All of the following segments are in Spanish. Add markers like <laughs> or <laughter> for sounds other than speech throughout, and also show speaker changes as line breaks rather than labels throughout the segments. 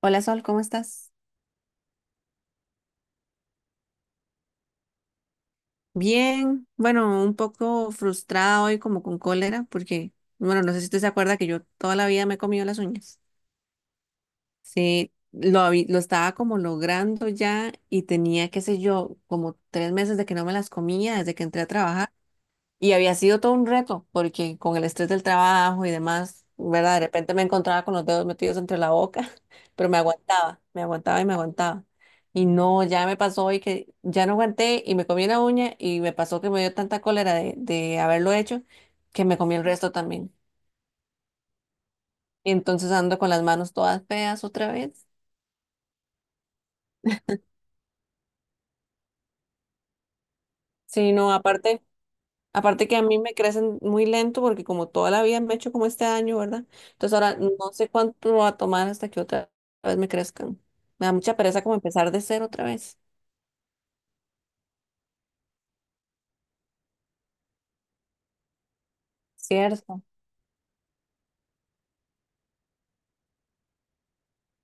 Hola Sol, ¿cómo estás? Bien, bueno, un poco frustrada hoy como con cólera porque, bueno, no sé si usted se acuerda que yo toda la vida me he comido las uñas. Sí, lo estaba como logrando ya y tenía, qué sé yo, como tres meses de que no me las comía desde que entré a trabajar. Y había sido todo un reto, porque con el estrés del trabajo y demás, ¿verdad? De repente me encontraba con los dedos metidos entre la boca, <laughs> pero me aguantaba, me aguantaba. Y no, ya me pasó hoy que ya no aguanté y me comí la uña y me pasó que me dio tanta cólera de haberlo hecho que me comí el resto también. Y entonces ando con las manos todas feas otra vez. Sí, no, aparte. Aparte que a mí me crecen muy lento porque como toda la vida me he hecho como este año, ¿verdad? Entonces ahora no sé cuánto va a tomar hasta que otra vez me crezcan. Me da mucha pereza como empezar de cero otra vez. Cierto.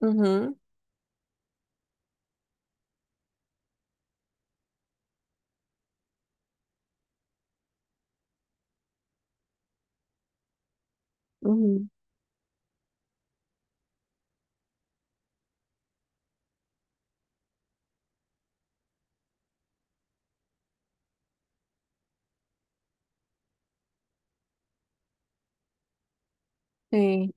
Ujú, ujú, sí,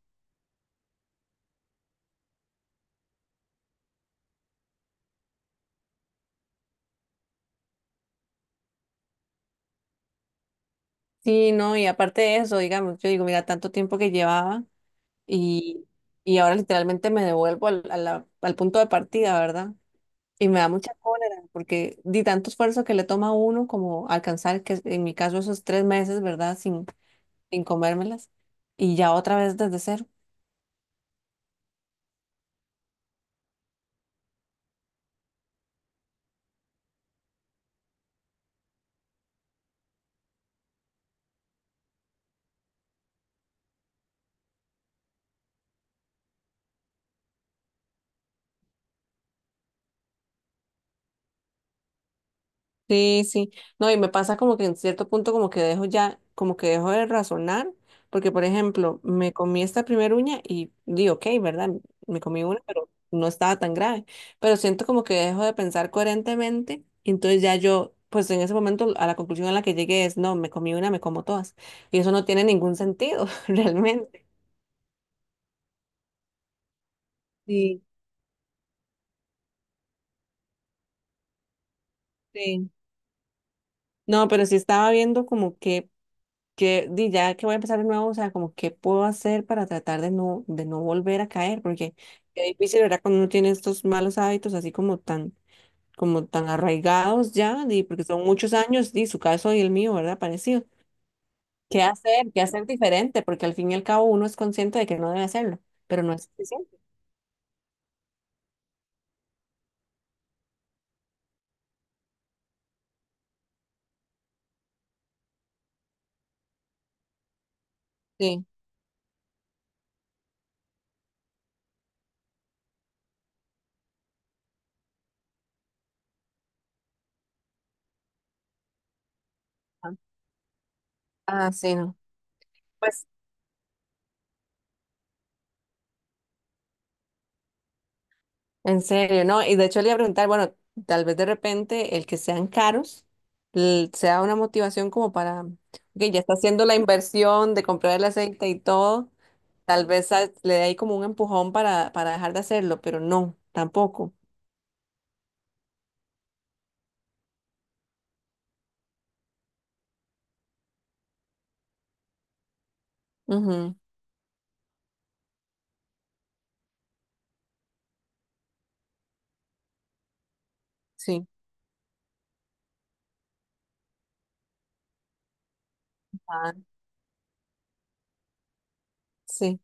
sí, no, y aparte de eso, digamos, yo digo, mira, tanto tiempo que llevaba y, y ahora literalmente me devuelvo al punto de partida, ¿verdad? Y me da mucha cólera porque di tanto esfuerzo que le toma a uno como alcanzar, que en mi caso esos tres meses, ¿verdad? sin comérmelas y ya otra vez desde cero. Sí, sí. No, y me pasa como que en cierto punto como que dejo ya, como que dejo de razonar, porque por ejemplo, me comí esta primera uña y di, ok, ¿verdad? Me comí una, pero no estaba tan grave. Pero siento como que dejo de pensar coherentemente, y entonces ya yo, pues en ese momento a la conclusión a la que llegué es, no, me comí una, me como todas. Y eso no tiene ningún sentido, <laughs> realmente. Sí, sí. No, pero sí estaba viendo como que di, ya que voy a empezar de nuevo, o sea, como qué puedo hacer para tratar de no volver a caer, porque qué difícil, ¿verdad? Cuando uno tiene estos malos hábitos así como tan arraigados ya, di, porque son muchos años, di, su caso y el mío, ¿verdad? Parecido. ¿Qué hacer? ¿Qué hacer diferente? Porque al fin y al cabo uno es consciente de que no debe hacerlo, pero no es suficiente. Sí. Ah, ah, sí, no. Pues en serio, ¿no? Y de hecho le iba a preguntar, bueno, tal vez de repente el que sean caros sea una motivación como para, que ya está haciendo la inversión de comprar el aceite y todo, tal vez le dé ahí como un empujón para dejar de hacerlo, pero no, tampoco. Ujú, sí. Ah, sí.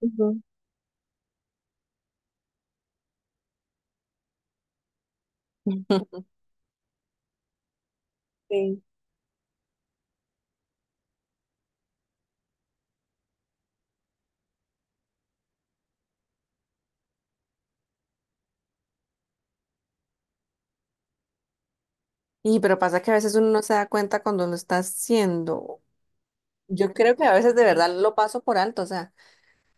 Ujú. <laughs> Sí. Y pero pasa que a veces uno no se da cuenta cuando lo está haciendo. Yo creo que a veces de verdad lo paso por alto, o sea.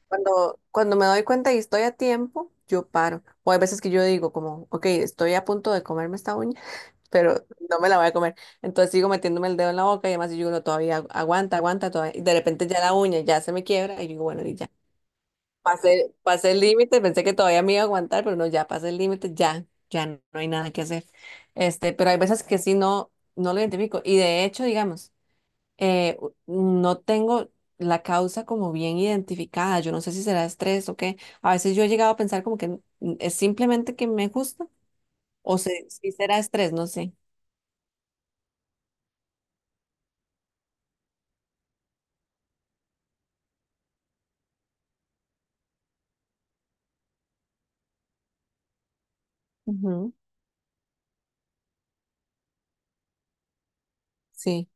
Cuando me doy cuenta y estoy a tiempo, yo paro. O hay veces que yo digo como, ok, estoy a punto de comerme esta uña, <laughs> pero no me la voy a comer. Entonces sigo metiéndome el dedo en la boca y además yo digo, no, todavía aguanta, aguanta, todavía. Y de repente ya la uña ya se me quiebra y yo digo, bueno, y ya. Pasé el límite, pensé que todavía me iba a aguantar, pero no, ya pasé el límite, ya, ya no hay nada que hacer. Este, pero hay veces que sí no, no lo identifico. Y de hecho, digamos eh, u- no tengo la causa como bien identificada. Yo no sé si será estrés o qué. A veces yo he llegado a pensar como que es simplemente que me gusta o si será estrés, no sé. Ujú, sí.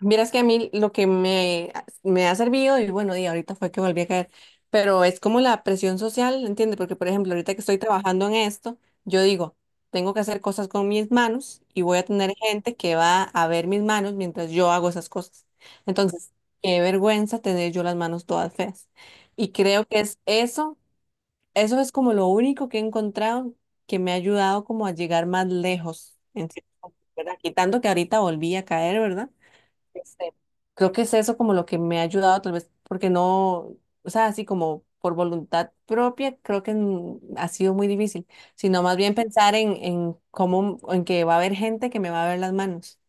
Vieras que a mí lo que me ha servido, y bueno, y ahorita fue que volví a caer, pero es como la presión social, ¿entiendes? Porque, por ejemplo, ahorita que estoy trabajando en esto, yo digo, tengo que hacer cosas con mis manos y voy a tener gente que va a ver mis manos mientras yo hago esas cosas. Entonces, qué vergüenza tener yo las manos todas feas. Y creo que es eso, eso es como lo único que he encontrado que me ha ayudado como a llegar más lejos, en cierto, punto, ¿verdad? Quitando que ahorita volví a caer, ¿verdad? Este, creo que es eso como lo que me ha ayudado, tal vez, porque no, o sea, así como por voluntad propia, creo que ha sido muy difícil, sino más bien pensar en cómo, en que va a haber gente que me va a ver las manos.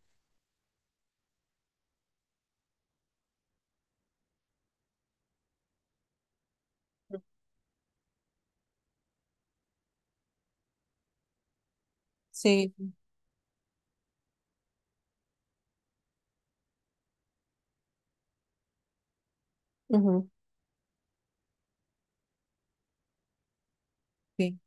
Sí, ujú, sí,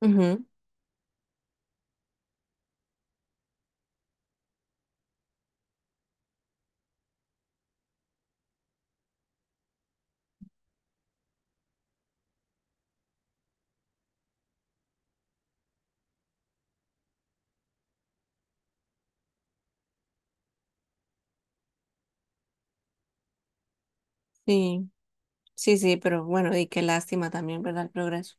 ujú, sí, sí, sí, pero bueno, y qué lástima también, ¿verdad? El progreso.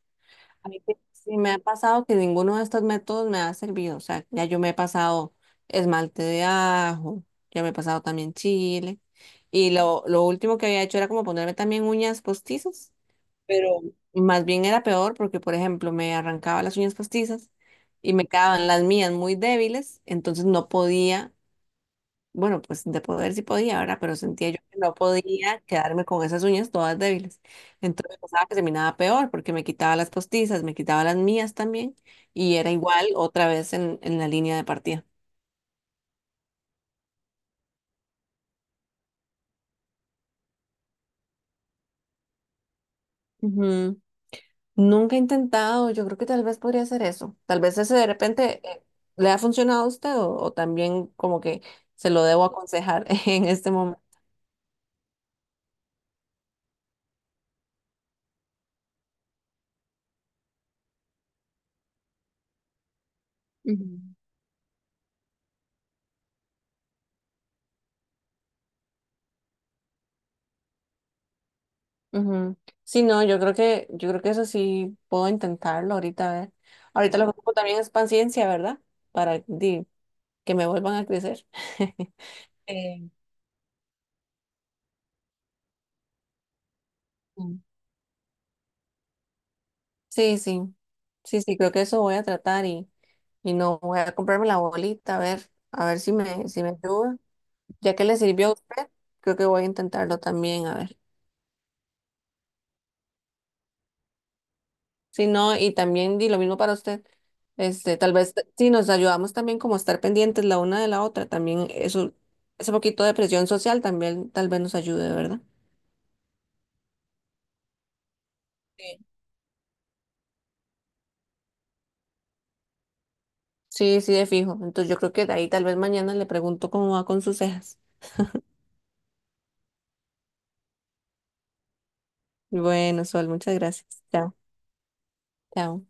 A mí sí me ha pasado que ninguno de estos métodos me ha servido. O sea, ya yo me he pasado esmalte de ajo, ya me he pasado también chile. Y lo último que había hecho era como ponerme también uñas postizas, pero más bien era peor porque, por ejemplo, me arrancaba las uñas postizas y me quedaban las mías muy débiles, entonces no podía. Bueno, pues de poder sí podía, ¿verdad? Pero sentía yo que no podía quedarme con esas uñas todas débiles. Entonces pensaba que se miraba peor porque me quitaba las postizas, me quitaba las mías también y era igual otra vez en la línea de partida. Ujú. Nunca he intentado, yo creo que tal vez podría hacer eso. Tal vez ese de repente le ha funcionado a usted o también como que se lo debo aconsejar <laughs> en este momento. Ujú. Ujú. Sí, no, yo creo que eso sí puedo intentarlo ahorita, a ver. Ahorita lo que ocupo también es paciencia, ¿verdad? Para di, que me vuelvan a crecer. <laughs> Eh, mm. Sí, sí, sí, sí, creo que eso voy a tratar y no voy a comprarme la bolita, a ver si me, si me ayuda. Ya que le sirvió a usted, creo que voy a intentarlo también, a ver. Sí, no, y también di lo mismo para usted. Este, tal vez si nos ayudamos también como a estar pendientes la una de la otra, también eso, ese poquito de presión social también tal vez nos ayude, ¿verdad? Sí. Sí, sí, de fijo. Entonces yo creo que de ahí tal vez mañana le pregunto cómo va con sus cejas. Bueno, Sol, muchas gracias. Chao, chao.